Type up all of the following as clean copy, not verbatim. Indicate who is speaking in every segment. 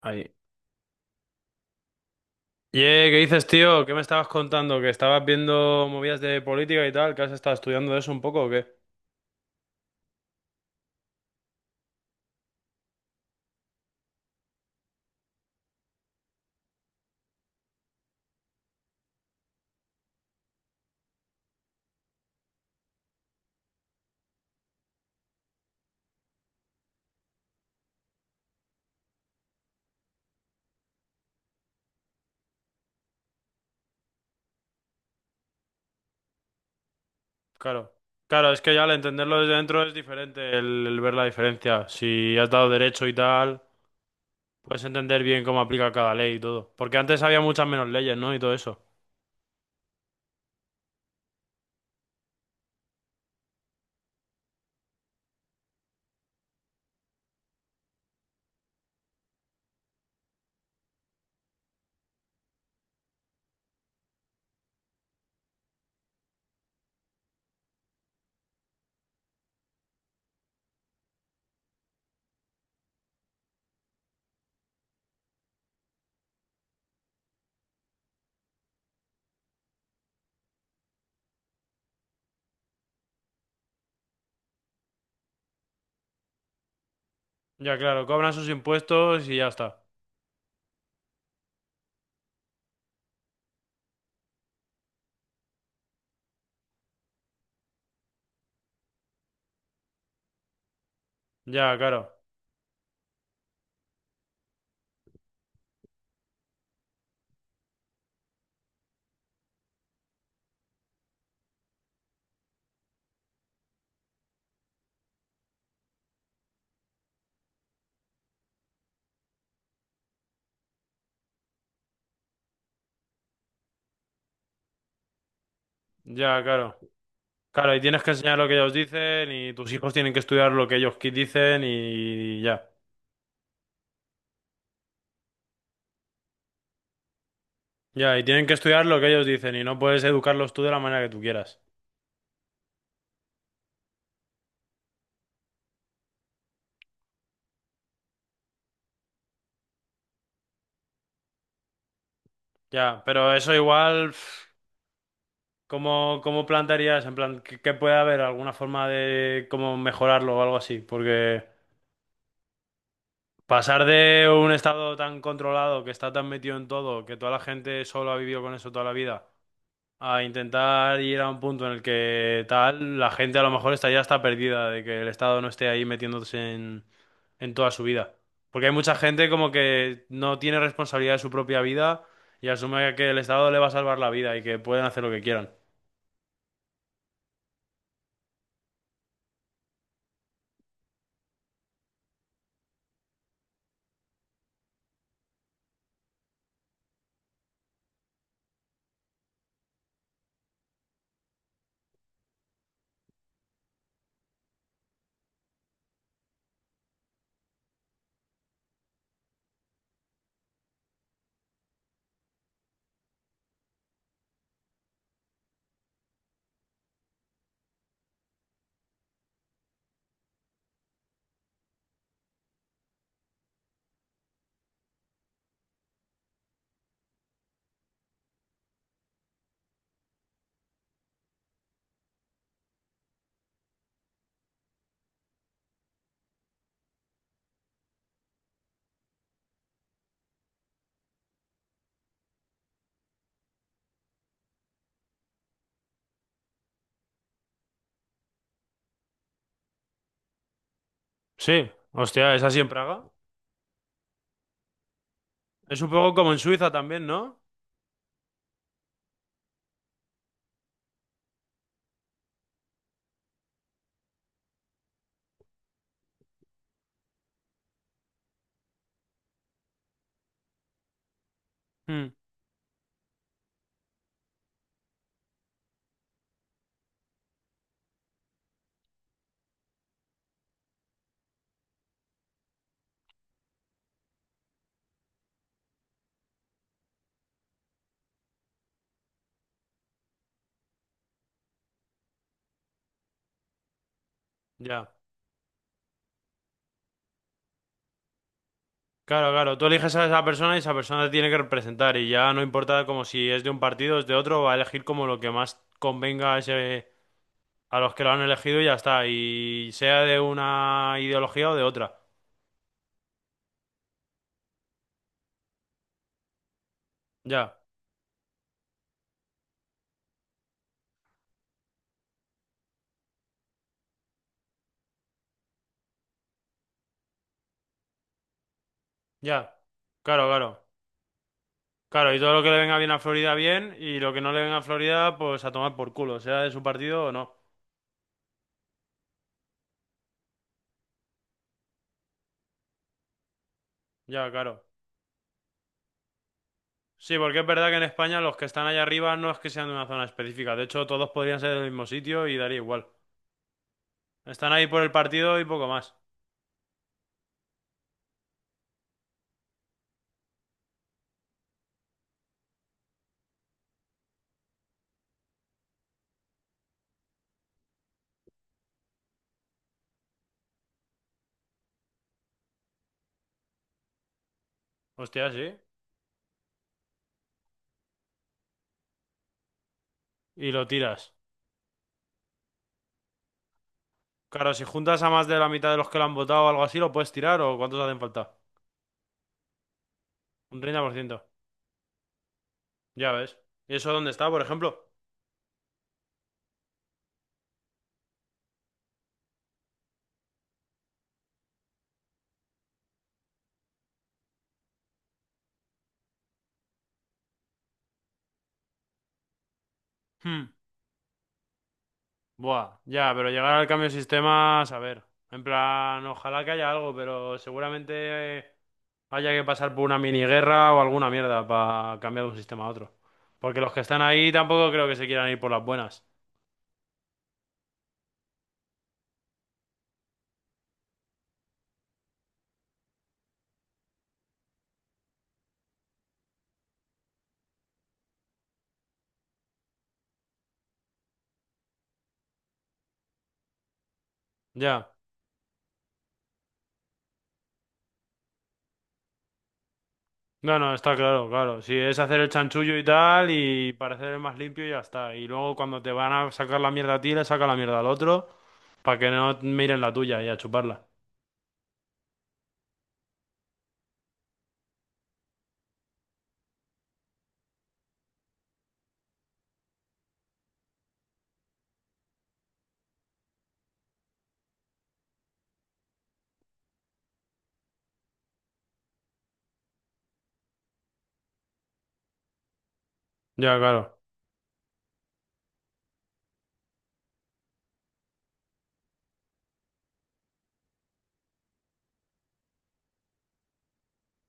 Speaker 1: Ahí. Ye, ¿qué dices, tío? ¿Qué me estabas contando? ¿Que estabas viendo movidas de política y tal? ¿Que has estado estudiando eso un poco o qué? Claro. Claro, es que ya al entenderlo desde dentro es diferente el ver la diferencia. Si has dado derecho y tal, puedes entender bien cómo aplica cada ley y todo. Porque antes había muchas menos leyes, ¿no? Y todo eso. Ya, claro, cobran sus impuestos y ya está. Ya, claro. Ya, claro. Claro, y tienes que enseñar lo que ellos dicen y tus hijos tienen que estudiar lo que ellos dicen y ya. Ya, y tienen que estudiar lo que ellos dicen y no puedes educarlos tú de la manera que tú quieras. Ya, pero eso igual, pf, ¿cómo plantearías? En plan, ¿qué puede haber? ¿Alguna forma de cómo mejorarlo o algo así? Porque pasar de un estado tan controlado que está tan metido en todo, que toda la gente solo ha vivido con eso toda la vida, a intentar ir a un punto en el que tal, la gente a lo mejor está ya está perdida de que el Estado no esté ahí metiéndose en toda su vida. Porque hay mucha gente como que no tiene responsabilidad de su propia vida y asume que el Estado le va a salvar la vida y que pueden hacer lo que quieran. Sí, hostia, es así en Praga. Es un poco como en Suiza también, ¿no? Hmm, ya. Claro, claro, tú eliges a esa persona y esa persona te tiene que representar y ya no importa como si es de un partido o es de otro, va a elegir como lo que más convenga a ese a los que lo han elegido y ya está. Y sea de una ideología o de otra. Ya, ya. Claro, claro. Claro, y todo lo que le venga bien a Florida, bien. Y lo que no le venga a Florida, pues a tomar por culo, sea de su partido o no. Ya, claro. Sí, porque es verdad que en España los que están allá arriba no es que sean de una zona específica. De hecho, todos podrían ser del mismo sitio y daría igual. Están ahí por el partido y poco más. Hostia, sí. Y lo tiras. Claro, si juntas a más de la mitad de los que lo han votado o algo así, lo puedes tirar o cuántos hacen falta. Un 30%. Ya ves. ¿Y eso dónde está, por ejemplo? Hmm. Buah, ya, pero llegar al cambio de sistemas, a ver. En plan, ojalá que haya algo, pero seguramente haya que pasar por una mini guerra o alguna mierda para cambiar de un sistema a otro. Porque los que están ahí tampoco creo que se quieran ir por las buenas. Ya. No, no, está claro, claro. Si es hacer el chanchullo y tal, y parecer el más limpio, y ya está. Y luego cuando te van a sacar la mierda a ti, le saca la mierda al otro, para que no miren la tuya y a chuparla. Ya, claro.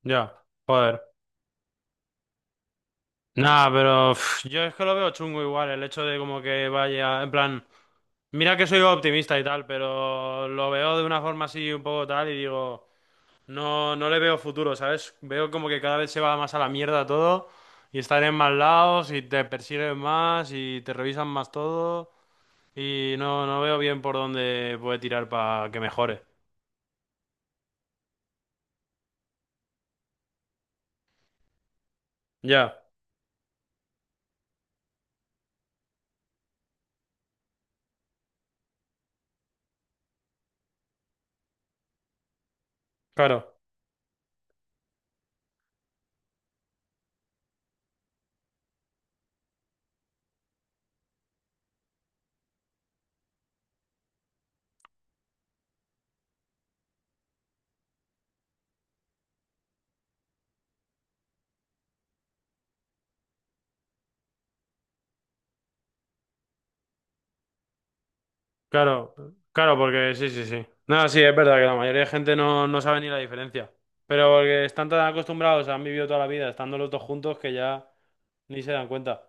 Speaker 1: Ya. Joder. Nah, pero pf, yo es que lo veo chungo igual, el hecho de como que vaya, en plan, mira que soy optimista y tal, pero lo veo de una forma así un poco tal y digo, no, no le veo futuro, ¿sabes? Veo como que cada vez se va más a la mierda todo y estar en más lados y te persiguen más y te revisan más todo y no, no veo bien por dónde puede tirar para que mejore. Ya, claro. Claro, claro, porque sí, sí, sí. No, sí, es verdad que la mayoría de gente no, no sabe ni la diferencia. Pero porque están tan acostumbrados, han vivido toda la vida estando los dos juntos que ya ni se dan cuenta.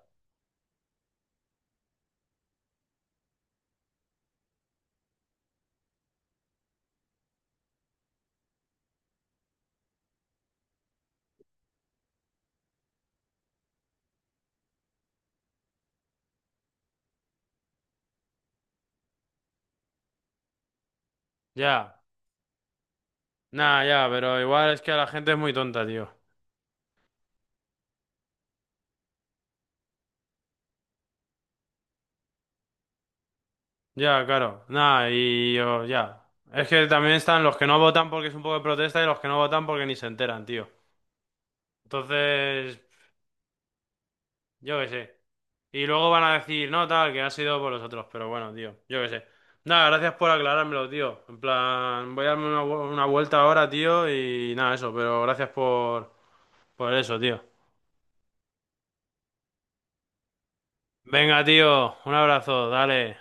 Speaker 1: Ya, nada, ya, pero igual es que la gente es muy tonta, tío. Ya, claro, nada, y yo, ya. Es que también están los que no votan porque es un poco de protesta y los que no votan porque ni se enteran, tío. Entonces, yo qué sé. Y luego van a decir, no, tal, que ha sido por los otros. Pero bueno, tío, yo qué sé. Nada, gracias por aclarármelo, tío. En plan, voy a darme una, una vuelta ahora, tío, y nada, eso. Pero gracias por eso, tío. Venga, tío, un abrazo, dale.